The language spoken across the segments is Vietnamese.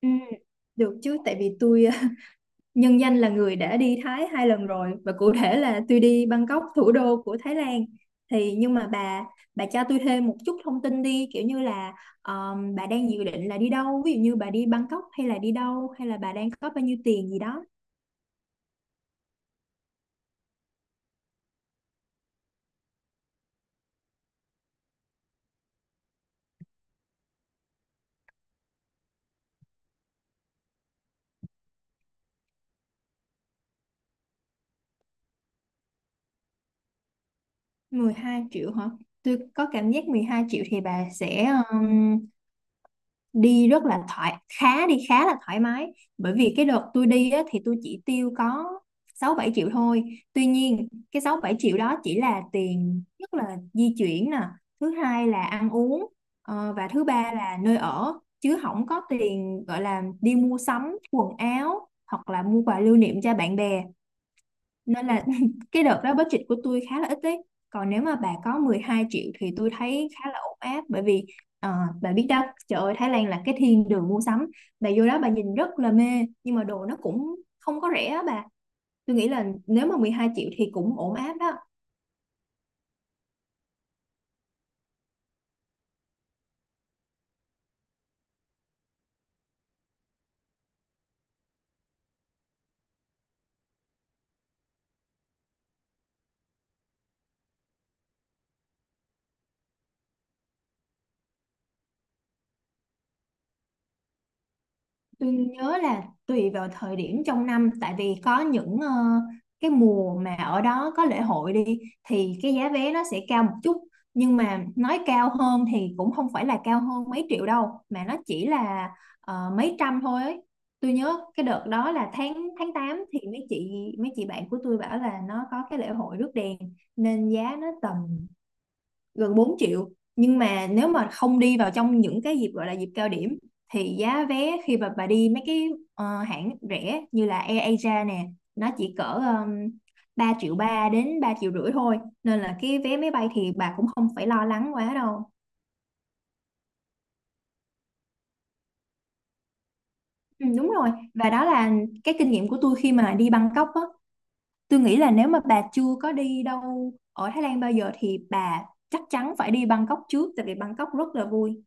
Ừ, được chứ tại vì tôi nhân danh là người đã đi Thái hai lần rồi, và cụ thể là tôi đi Bangkok, thủ đô của Thái Lan. Thì nhưng mà bà cho tôi thêm một chút thông tin đi, kiểu như là bà đang dự định là đi đâu, ví dụ như bà đi Bangkok hay là đi đâu, hay là bà đang có bao nhiêu tiền gì đó. Mười hai triệu hả? Tôi có cảm giác 12 triệu thì bà sẽ um, đi rất là thoải khá đi khá là thoải mái, bởi vì cái đợt tôi đi á, thì tôi chỉ tiêu có 6 7 triệu thôi. Tuy nhiên cái 6 7 triệu đó chỉ là tiền, nhất là di chuyển nè, thứ hai là ăn uống, và thứ ba là nơi ở, chứ không có tiền gọi là đi mua sắm quần áo hoặc là mua quà lưu niệm cho bạn bè. Nên là cái đợt đó budget của tôi khá là ít đấy. Còn nếu mà bà có 12 triệu thì tôi thấy khá là ổn áp, bởi vì ờ, bà biết đó, trời ơi, Thái Lan là cái thiên đường mua sắm, bà vô đó bà nhìn rất là mê, nhưng mà đồ nó cũng không có rẻ á bà. Tôi nghĩ là nếu mà 12 triệu thì cũng ổn áp đó. Tôi nhớ là tùy vào thời điểm trong năm, tại vì có những cái mùa mà ở đó có lễ hội đi thì cái giá vé nó sẽ cao một chút, nhưng mà nói cao hơn thì cũng không phải là cao hơn mấy triệu đâu, mà nó chỉ là mấy trăm thôi ấy. Tôi nhớ cái đợt đó là tháng tháng tám thì mấy chị bạn của tôi bảo là nó có cái lễ hội rước đèn, nên giá nó tầm gần 4 triệu. Nhưng mà nếu mà không đi vào trong những cái dịp gọi là dịp cao điểm, thì giá vé khi mà bà đi mấy cái hãng rẻ như là AirAsia nè, nó chỉ cỡ 3 triệu ba đến 3 triệu rưỡi thôi, nên là cái vé máy bay thì bà cũng không phải lo lắng quá đâu. Ừ, đúng rồi, và đó là cái kinh nghiệm của tôi khi mà đi Bangkok á. Tôi nghĩ là nếu mà bà chưa có đi đâu ở Thái Lan bao giờ thì bà chắc chắn phải đi Bangkok trước, tại vì Bangkok rất là vui.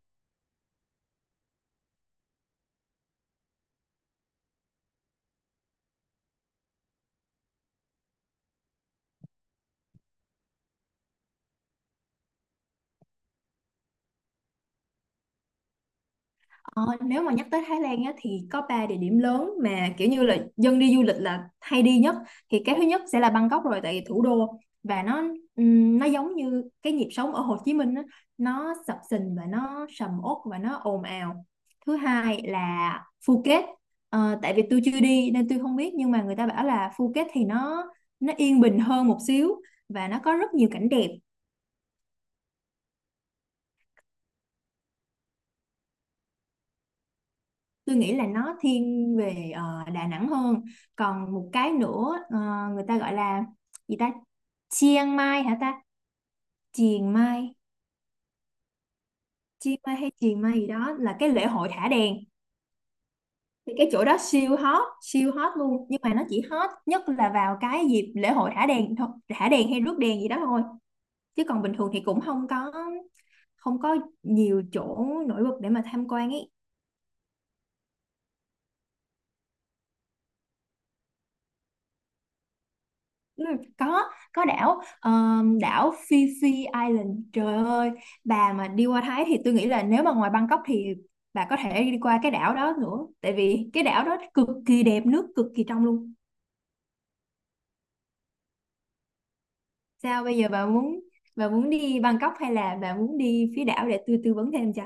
Ờ, nếu mà nhắc tới Thái Lan á, thì có 3 địa điểm lớn mà kiểu như là dân đi du lịch là hay đi nhất. Thì cái thứ nhất sẽ là Bangkok rồi, tại vì thủ đô, và nó giống như cái nhịp sống ở Hồ Chí Minh á, nó sập sình và nó sầm uất và nó ồn ào. Thứ hai là Phuket. Ờ, tại vì tôi chưa đi nên tôi không biết, nhưng mà người ta bảo là Phuket thì nó yên bình hơn một xíu và nó có rất nhiều cảnh đẹp. Tôi nghĩ là nó thiên về Đà Nẵng hơn. Còn một cái nữa, người ta gọi là gì ta, Chiang Mai hả ta, Chiang Mai, Chiang Mai hay Chiang Mai gì đó, là cái lễ hội thả đèn. Thì cái chỗ đó siêu hot, siêu hot luôn, nhưng mà nó chỉ hot nhất là vào cái dịp lễ hội thả đèn thôi, thả đèn hay rước đèn gì đó thôi, chứ còn bình thường thì cũng không có nhiều chỗ nổi bật để mà tham quan ý. Ừ, có có đảo, đảo Phi Phi Island. Trời ơi, bà mà đi qua Thái thì tôi nghĩ là nếu mà ngoài Bangkok thì bà có thể đi qua cái đảo đó nữa, tại vì cái đảo đó cực kỳ đẹp, nước cực kỳ trong luôn. Sao bây giờ bà muốn đi Bangkok hay là bà muốn đi phía đảo, để tôi tư vấn thêm cho.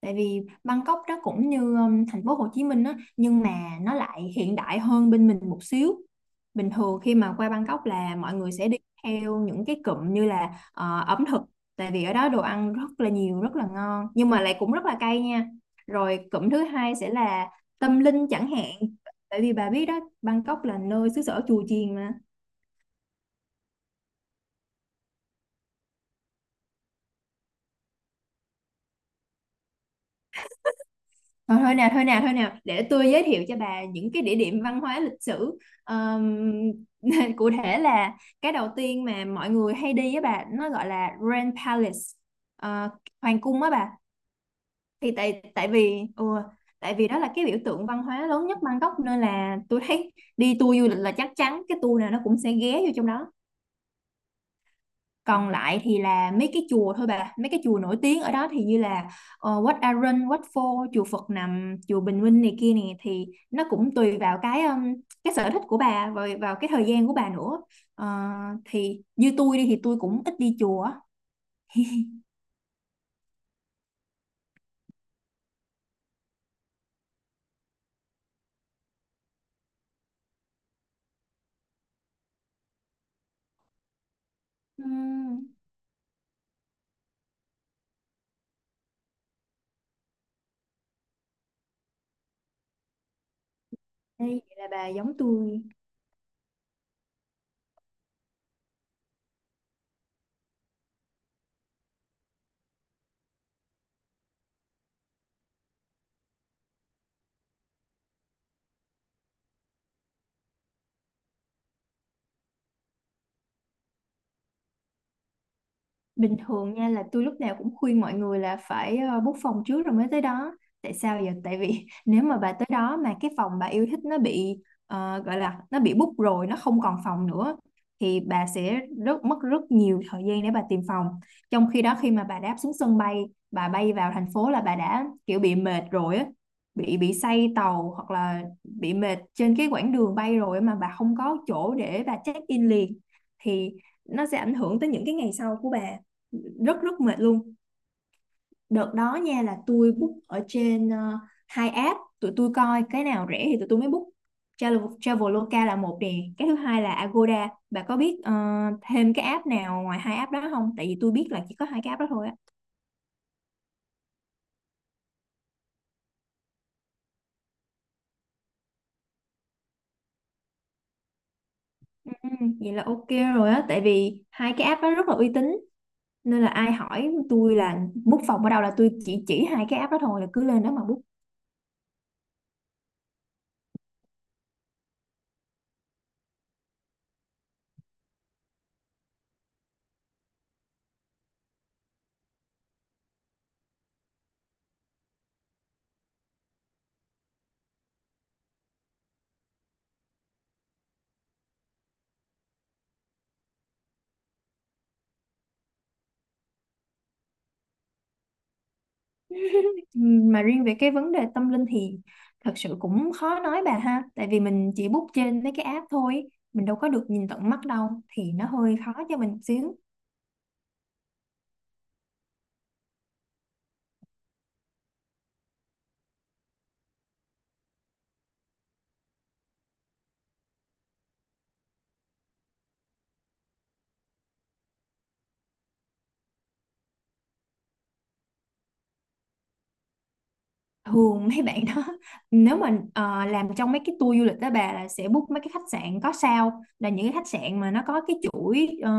Tại vì Bangkok đó cũng như thành phố Hồ Chí Minh á, nhưng mà nó lại hiện đại hơn bên mình một xíu. Bình thường khi mà qua Bangkok là mọi người sẽ đi theo những cái cụm như là ẩm thực, tại vì ở đó đồ ăn rất là nhiều, rất là ngon, nhưng mà lại cũng rất là cay nha. Rồi cụm thứ hai sẽ là tâm linh chẳng hạn, tại vì bà biết đó, Bangkok là nơi xứ sở chùa chiền mà. Thôi, thôi nào thôi nào thôi nào, để tôi giới thiệu cho bà những cái địa điểm văn hóa lịch sử. Ờm, cụ thể là cái đầu tiên mà mọi người hay đi á bà, nó gọi là Grand Palace. Ờ, hoàng cung á bà. Thì tại tại vì ừ, tại vì đó là cái biểu tượng văn hóa lớn nhất Bangkok, nên là tôi thấy đi tour du lịch là chắc chắn cái tour nào nó cũng sẽ ghé vô trong đó. Còn lại thì là mấy cái chùa thôi bà, mấy cái chùa nổi tiếng ở đó thì như là Wat Arun, Wat Pho, chùa Phật Nằm, chùa Bình Minh này kia này, thì nó cũng tùy vào cái sở thích của bà và vào cái thời gian của bà nữa. Ờ, thì như tôi đi thì tôi cũng ít đi chùa. Ừm, đây, vậy là bà giống tôi. Bình thường nha là tôi lúc nào cũng khuyên mọi người là phải book phòng trước rồi mới tới đó. Tại sao vậy? Tại vì nếu mà bà tới đó mà cái phòng bà yêu thích nó bị gọi là nó bị book rồi, nó không còn phòng nữa, thì bà sẽ rất mất rất nhiều thời gian để bà tìm phòng. Trong khi đó khi mà bà đáp xuống sân bay, bà bay vào thành phố là bà đã kiểu bị mệt rồi á, bị say tàu hoặc là bị mệt trên cái quãng đường bay rồi, mà bà không có chỗ để bà check in liền, thì nó sẽ ảnh hưởng tới những cái ngày sau của bà, rất rất mệt luôn. Đợt đó nha là tôi book ở trên hai app, tụi tôi coi cái nào rẻ thì tụi tôi mới book. Traveloka là một nè, cái thứ hai là Agoda. Bà có biết thêm cái app nào ngoài hai app đó không, tại vì tôi biết là chỉ có hai cái app đó thôi á. Ừ, vậy là ok rồi á, tại vì hai cái app đó rất là uy tín, nên là ai hỏi tôi là book phòng ở đâu là tôi chỉ hai cái app đó thôi, là cứ lên đó mà book. Mà riêng về cái vấn đề tâm linh thì thật sự cũng khó nói bà ha, tại vì mình chỉ book trên mấy cái app thôi, mình đâu có được nhìn tận mắt đâu, thì nó hơi khó cho mình xíu. Thường mấy bạn đó nếu mà làm trong mấy cái tour du lịch đó bà, là sẽ book mấy cái khách sạn có sao, là những cái khách sạn mà nó có cái chuỗi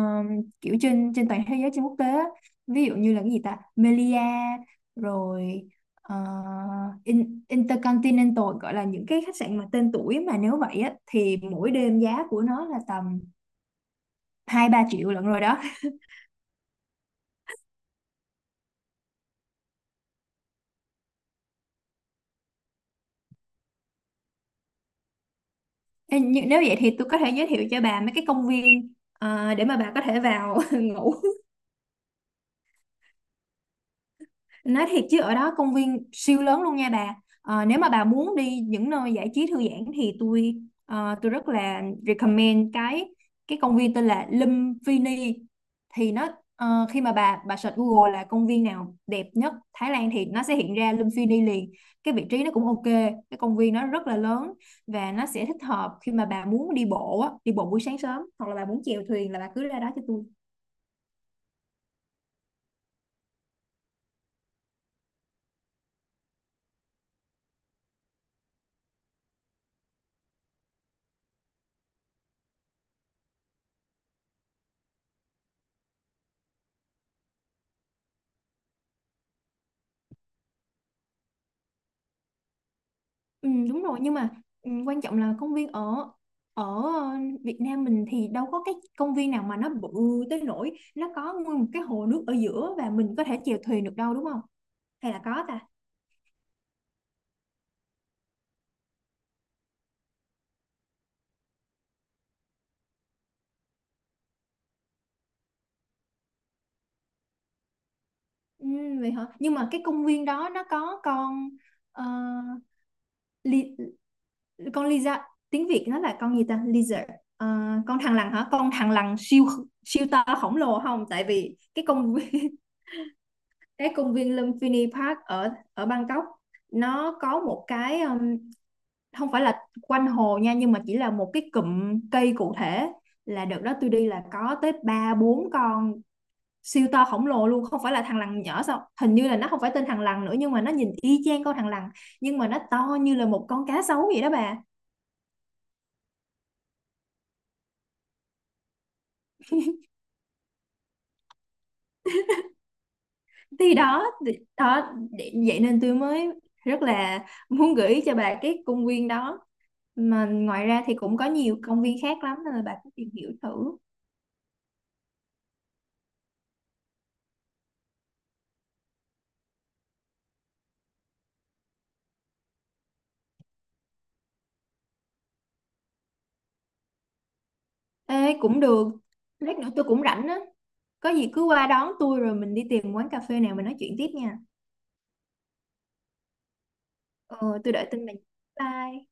kiểu trên trên toàn thế giới, trên quốc tế á. Ví dụ như là cái gì ta, Melia, rồi ờ, Intercontinental, gọi là những cái khách sạn mà tên tuổi, mà nếu vậy á thì mỗi đêm giá của nó là tầm hai ba triệu lận rồi đó. Ê, nhưng nếu vậy thì tôi có thể giới thiệu cho bà mấy cái công viên để mà bà có thể vào ngủ. Nói thiệt chứ ở đó công viên siêu lớn luôn nha bà. Ờ, nếu mà bà muốn đi những nơi giải trí thư giãn thì tôi tôi rất là recommend cái công viên tên là Lumpini. Thì nó khi mà bà search Google là công viên nào đẹp nhất Thái Lan thì nó sẽ hiện ra Lumpini liền. Cái vị trí nó cũng ok, cái công viên nó rất là lớn, và nó sẽ thích hợp khi mà bà muốn đi bộ á, đi bộ buổi sáng sớm, hoặc là bà muốn chèo thuyền là bà cứ ra đó cho tôi. Ừ, đúng rồi, nhưng mà ừ, quan trọng là công viên ở ở ờ, Việt Nam mình thì đâu có cái công viên nào mà nó bự tới nỗi nó có nguyên một cái hồ nước ở giữa và mình có thể chèo thuyền được đâu, đúng không? Hay là có ta? Ừ, vậy hả? Nhưng mà cái công viên đó nó có con ờ, li, con lizard, tiếng Việt nó là con gì ta? Lizard. Ờ, con thằn lằn hả? Con thằn lằn siêu siêu to khổng lồ không? Tại vì cái công viên cái công viên Lumpini Park ở ở Bangkok nó có một cái không phải là quanh hồ nha, nhưng mà chỉ là một cái cụm cây, cụ thể là đợt đó tôi đi là có tới ba bốn con siêu to khổng lồ luôn, không phải là thằn lằn nhỏ sao, hình như là nó không phải tên thằn lằn nữa, nhưng mà nó nhìn y chang con thằn lằn, nhưng mà nó to như là một con cá sấu vậy đó bà. Vậy nên tôi mới rất là muốn gợi ý cho bà cái công viên đó, mà ngoài ra thì cũng có nhiều công viên khác lắm, nên là bà cứ tìm hiểu thử. Ê, cũng được, lát nữa tôi cũng rảnh á, có gì cứ qua đón tôi rồi mình đi tìm quán cà phê nào mình nói chuyện tiếp nha. Ờ, tôi đợi tin bà. Bye.